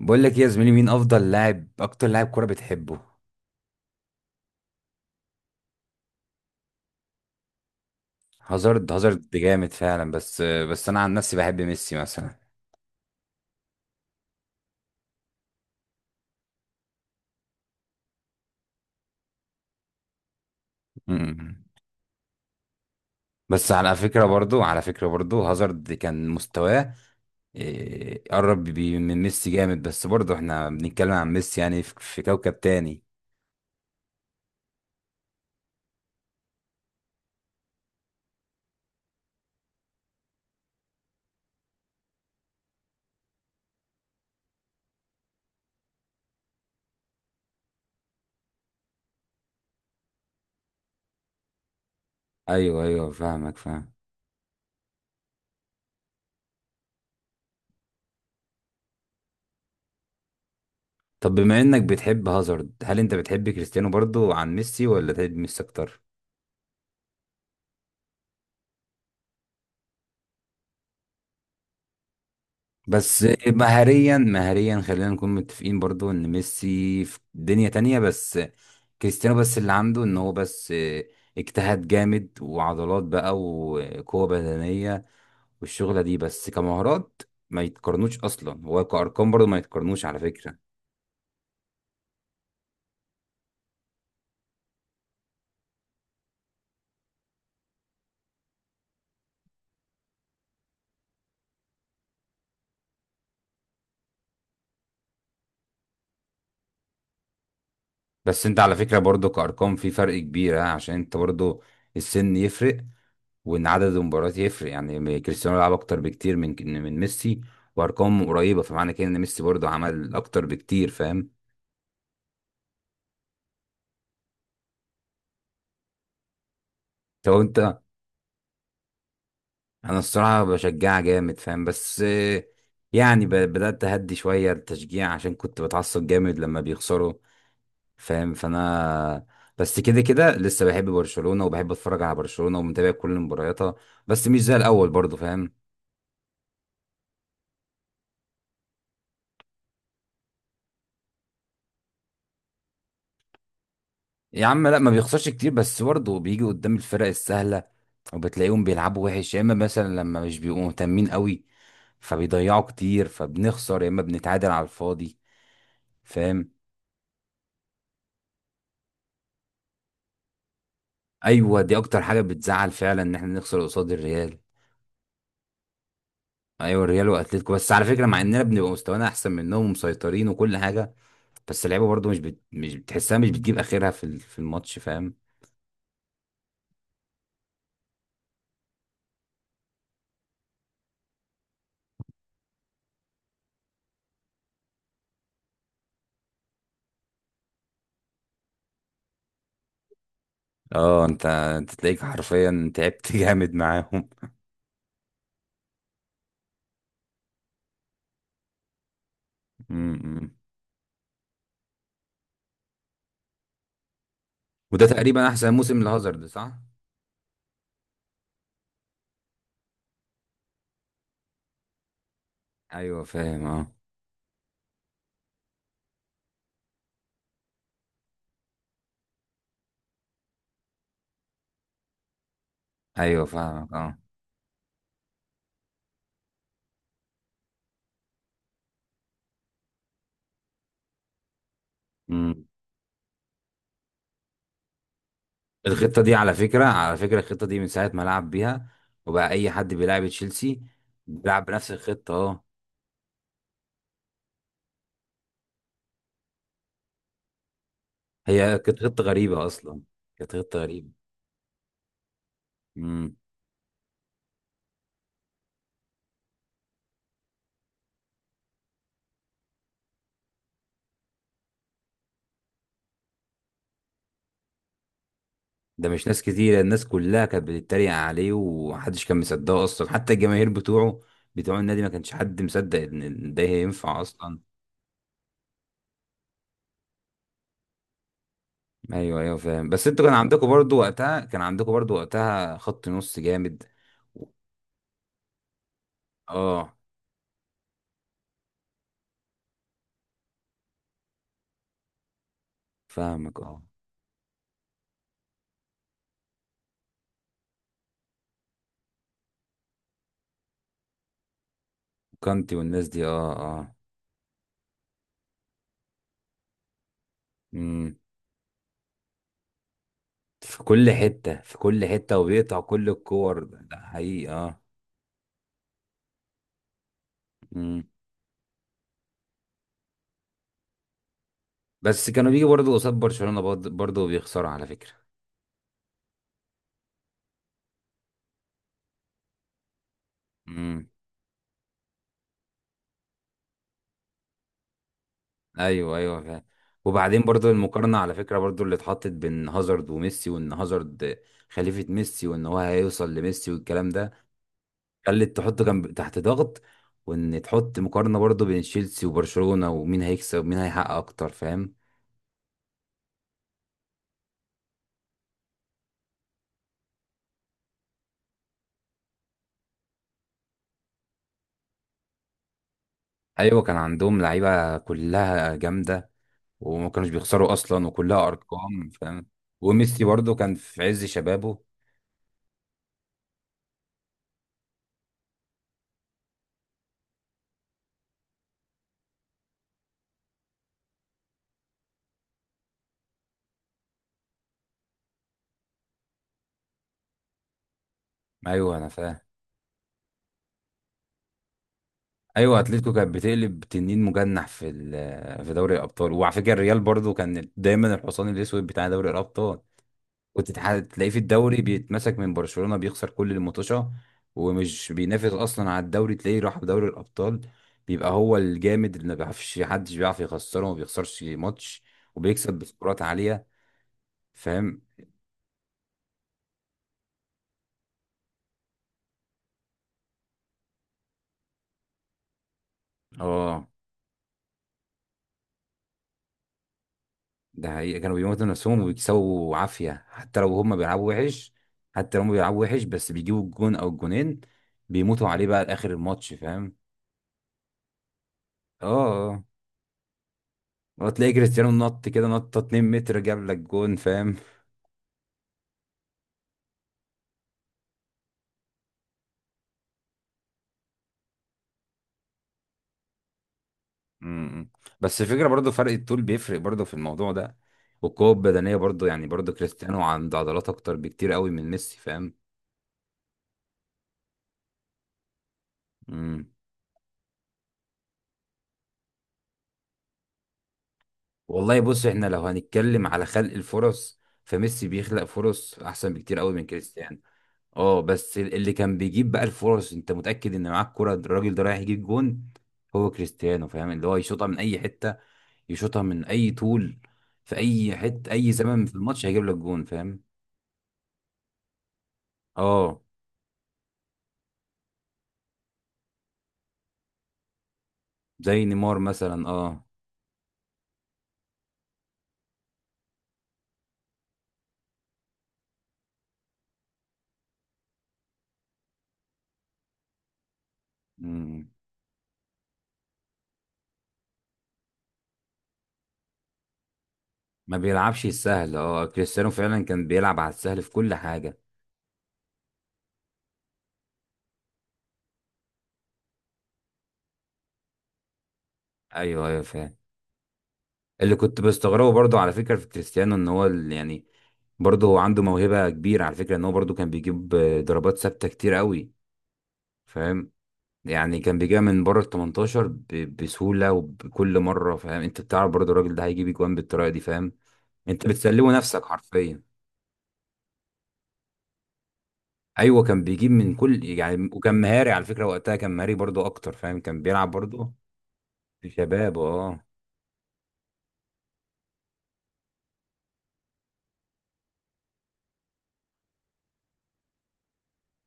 بقول لك إيه يا زميلي، مين افضل لاعب، اكتر لاعب كوره بتحبه؟ هازارد، جامد فعلا. بس انا عن نفسي بحب ميسي مثلا. أمم. بس على فكره برضو، هازارد كان مستواه قرب من ميسي جامد. بس برضو احنا بنتكلم عن ميسي، يعني في كوكب تاني. ايوه ايوه، فاهمك فاهم. طب بما انك بتحب هازارد، هل انت بتحب كريستيانو برضو عن ميسي، ولا تحب ميسي اكتر؟ بس مهريا خلينا نكون متفقين برضو ان ميسي في دنيا تانية. بس كريستيانو بس اللي عنده ان هو بس اجتهاد جامد وعضلات بقى وقوة بدنية، والشغلة دي بس. كمهارات ما يتقارنوش اصلا، هو كأرقام برضو ما يتقارنوش على فكرة. بس انت على فكرة برضو كأرقام في فرق كبير، ها، عشان انت برضو، السن يفرق، وان عدد المباريات يفرق. يعني كريستيانو لعب اكتر بكتير من ميسي وارقام قريبه، فمعنى كده ان ميسي برضه عمل اكتر بكتير، فاهم؟ طب انت، انا الصراحه بشجع جامد فاهم، بس يعني بدات اهدي شويه التشجيع عشان كنت بتعصب جامد لما بيخسروا، فاهم؟ فانا بس كده كده لسه بحب برشلونه وبحب اتفرج على برشلونه ومتابع كل مبارياتها، بس مش زي الاول برضه، فاهم؟ يا عم لا ما بيخسرش كتير، بس برضه بيجي قدام الفرق السهلة وبتلاقيهم بيلعبوا وحش، يا اما مثلا لما مش بيبقوا مهتمين قوي فبيضيعوا كتير فبنخسر، يا اما بنتعادل على الفاضي، فاهم؟ ايوه، دي اكتر حاجة بتزعل فعلا، ان احنا نخسر قصاد الريال. ايوه الريال واتلتيكو، بس على فكرة مع اننا بنبقى مستوانا احسن منهم ومسيطرين وكل حاجة، بس اللعيبة برضه مش بتحسها، مش بتجيب اخرها في في الماتش، فاهم؟ اه انت، تلاقيك حرفيا تعبت جامد معاهم. م- م. وده تقريبا احسن موسم لهازارد، صح؟ ايوه فاهم اه. ايوه فاهمك اه. امم. الخطه دي على فكره، الخطه دي من ساعه ما لعب بيها وبقى اي حد بيلعب تشيلسي بيلعب بنفس الخطه، اه. هي كانت خطه غريبه اصلا، كانت خطه غريبه. امم. ده مش ناس كتيره، الناس كلها كانت بتتريق عليه ومحدش كان مصدقه اصلا، حتى الجماهير بتوعه بتوع النادي ما كانش حد مصدق ان ده هينفع اصلا. ايوه ايوه فاهم. بس انتوا كان عندكم برضو وقتها، خط نص جامد اه. فاهمك اه. كانتي والناس دي، اه اه. امم. في كل حتة، في كل حتة، وبيقطع كل الكور، ده ده حقيقي اه. امم. بس كانوا بيجي برضه قصاد برشلونة برضه، وبيخسروا على فكرة. امم. ايوه ايوه فاهم. وبعدين برضه المقارنة على فكرة برضه، اللي اتحطت بين هازارد وميسي، وان هازارد خليفة ميسي، وان هو هيوصل لميسي والكلام ده، خلت تحطه كان تحت ضغط. وان تحط مقارنة برضه بين تشيلسي وبرشلونة، ومين هيكسب ومين هيحقق اكتر، فاهم؟ ايوه كان عندهم لعيبه كلها جامده، وما كانوش بيخسروا اصلا، وكلها ارقام، فاهم؟ وميسي برضه كان في عز شبابه. ايوه انا فاهم. ايوه اتلتيكو كانت بتقلب تنين مجنح في في دوري الابطال. وعلى فكره الريال برضه كان دايما الحصان الاسود بتاع دوري الابطال. كنت تلاقيه في الدوري بيتمسك من برشلونه، بيخسر كل الماتشات، ومش بينافس اصلا على الدوري، تلاقيه راح في دوري الابطال بيبقى هو الجامد اللي ما بيعرفش، حدش بيعرف يخسره وما بيخسرش ماتش، وبيكسب بسكورات عاليه، فاهم؟ اه. ده حقيقة، كانوا بيموتوا نفسهم وبيكسبوا عافية حتى لو هم بيلعبوا وحش. حتى لو هم بيلعبوا وحش، بس بيجيبوا الجون او الجونين، بيموتوا عليه بقى لاخر الماتش، فاهم؟ اه اه. تلاقي كريستيانو نط كده نطة 2 متر، جاب لك جون، فاهم؟ امم. بس الفكرة برضو فرق الطول بيفرق برضو في الموضوع ده، والقوة البدنية برضو. يعني برضو كريستيانو عنده عضلات اكتر بكتير قوي من ميسي، فاهم؟ امم. والله بص، احنا لو هنتكلم على خلق الفرص فميسي بيخلق فرص احسن بكتير قوي من كريستيانو. اه. بس اللي كان بيجيب بقى الفرص، انت متأكد ان معاك كرة الراجل ده رايح يجيب جون، هو كريستيانو، فاهم؟ اللي هو يشوطها من اي حتة، يشوطها من اي طول، في اي حتة اي زمن في الماتش هيجيب لك جون، فاهم؟ اه. زي نيمار مثلا اه. مم. ما بيلعبش السهل اه، كريستيانو فعلا كان بيلعب على السهل في كل حاجة. ايوه ايوه فاهم. اللي كنت بستغربه برضو على فكرة في كريستيانو، ان هو يعني برضو هو عنده موهبة كبيرة على فكرة. ان هو برضو كان بيجيب ضربات ثابتة كتير قوي، فاهم؟ يعني كان بيجيبها من بره ال 18 بسهولة وبكل مرة. فاهم انت، بتعرف برضو الراجل ده هيجيب اجوان بالطريقة دي، فاهم؟ انت بتسلمه نفسك حرفيا. ايوه كان بيجيب من كل يعني. وكان مهاري على فكرة وقتها، كان مهاري برضو اكتر، فاهم؟ كان بيلعب برضو في شباب اه.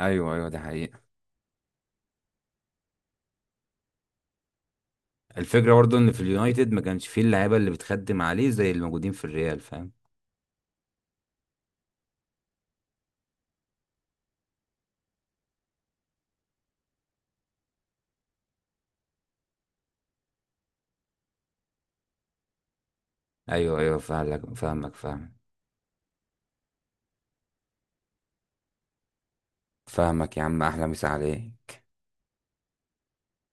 ايوه ايوه ده حقيقة. الفكرة برضو ان في اليونايتد ما كانش فيه اللعيبة اللي بتخدم عليه زي اللي موجودين في الريال، فاهم؟ ايوه ايوه فاهمك فاهمك فاهمك. فاهمك يا عم، احلى مسا عليه.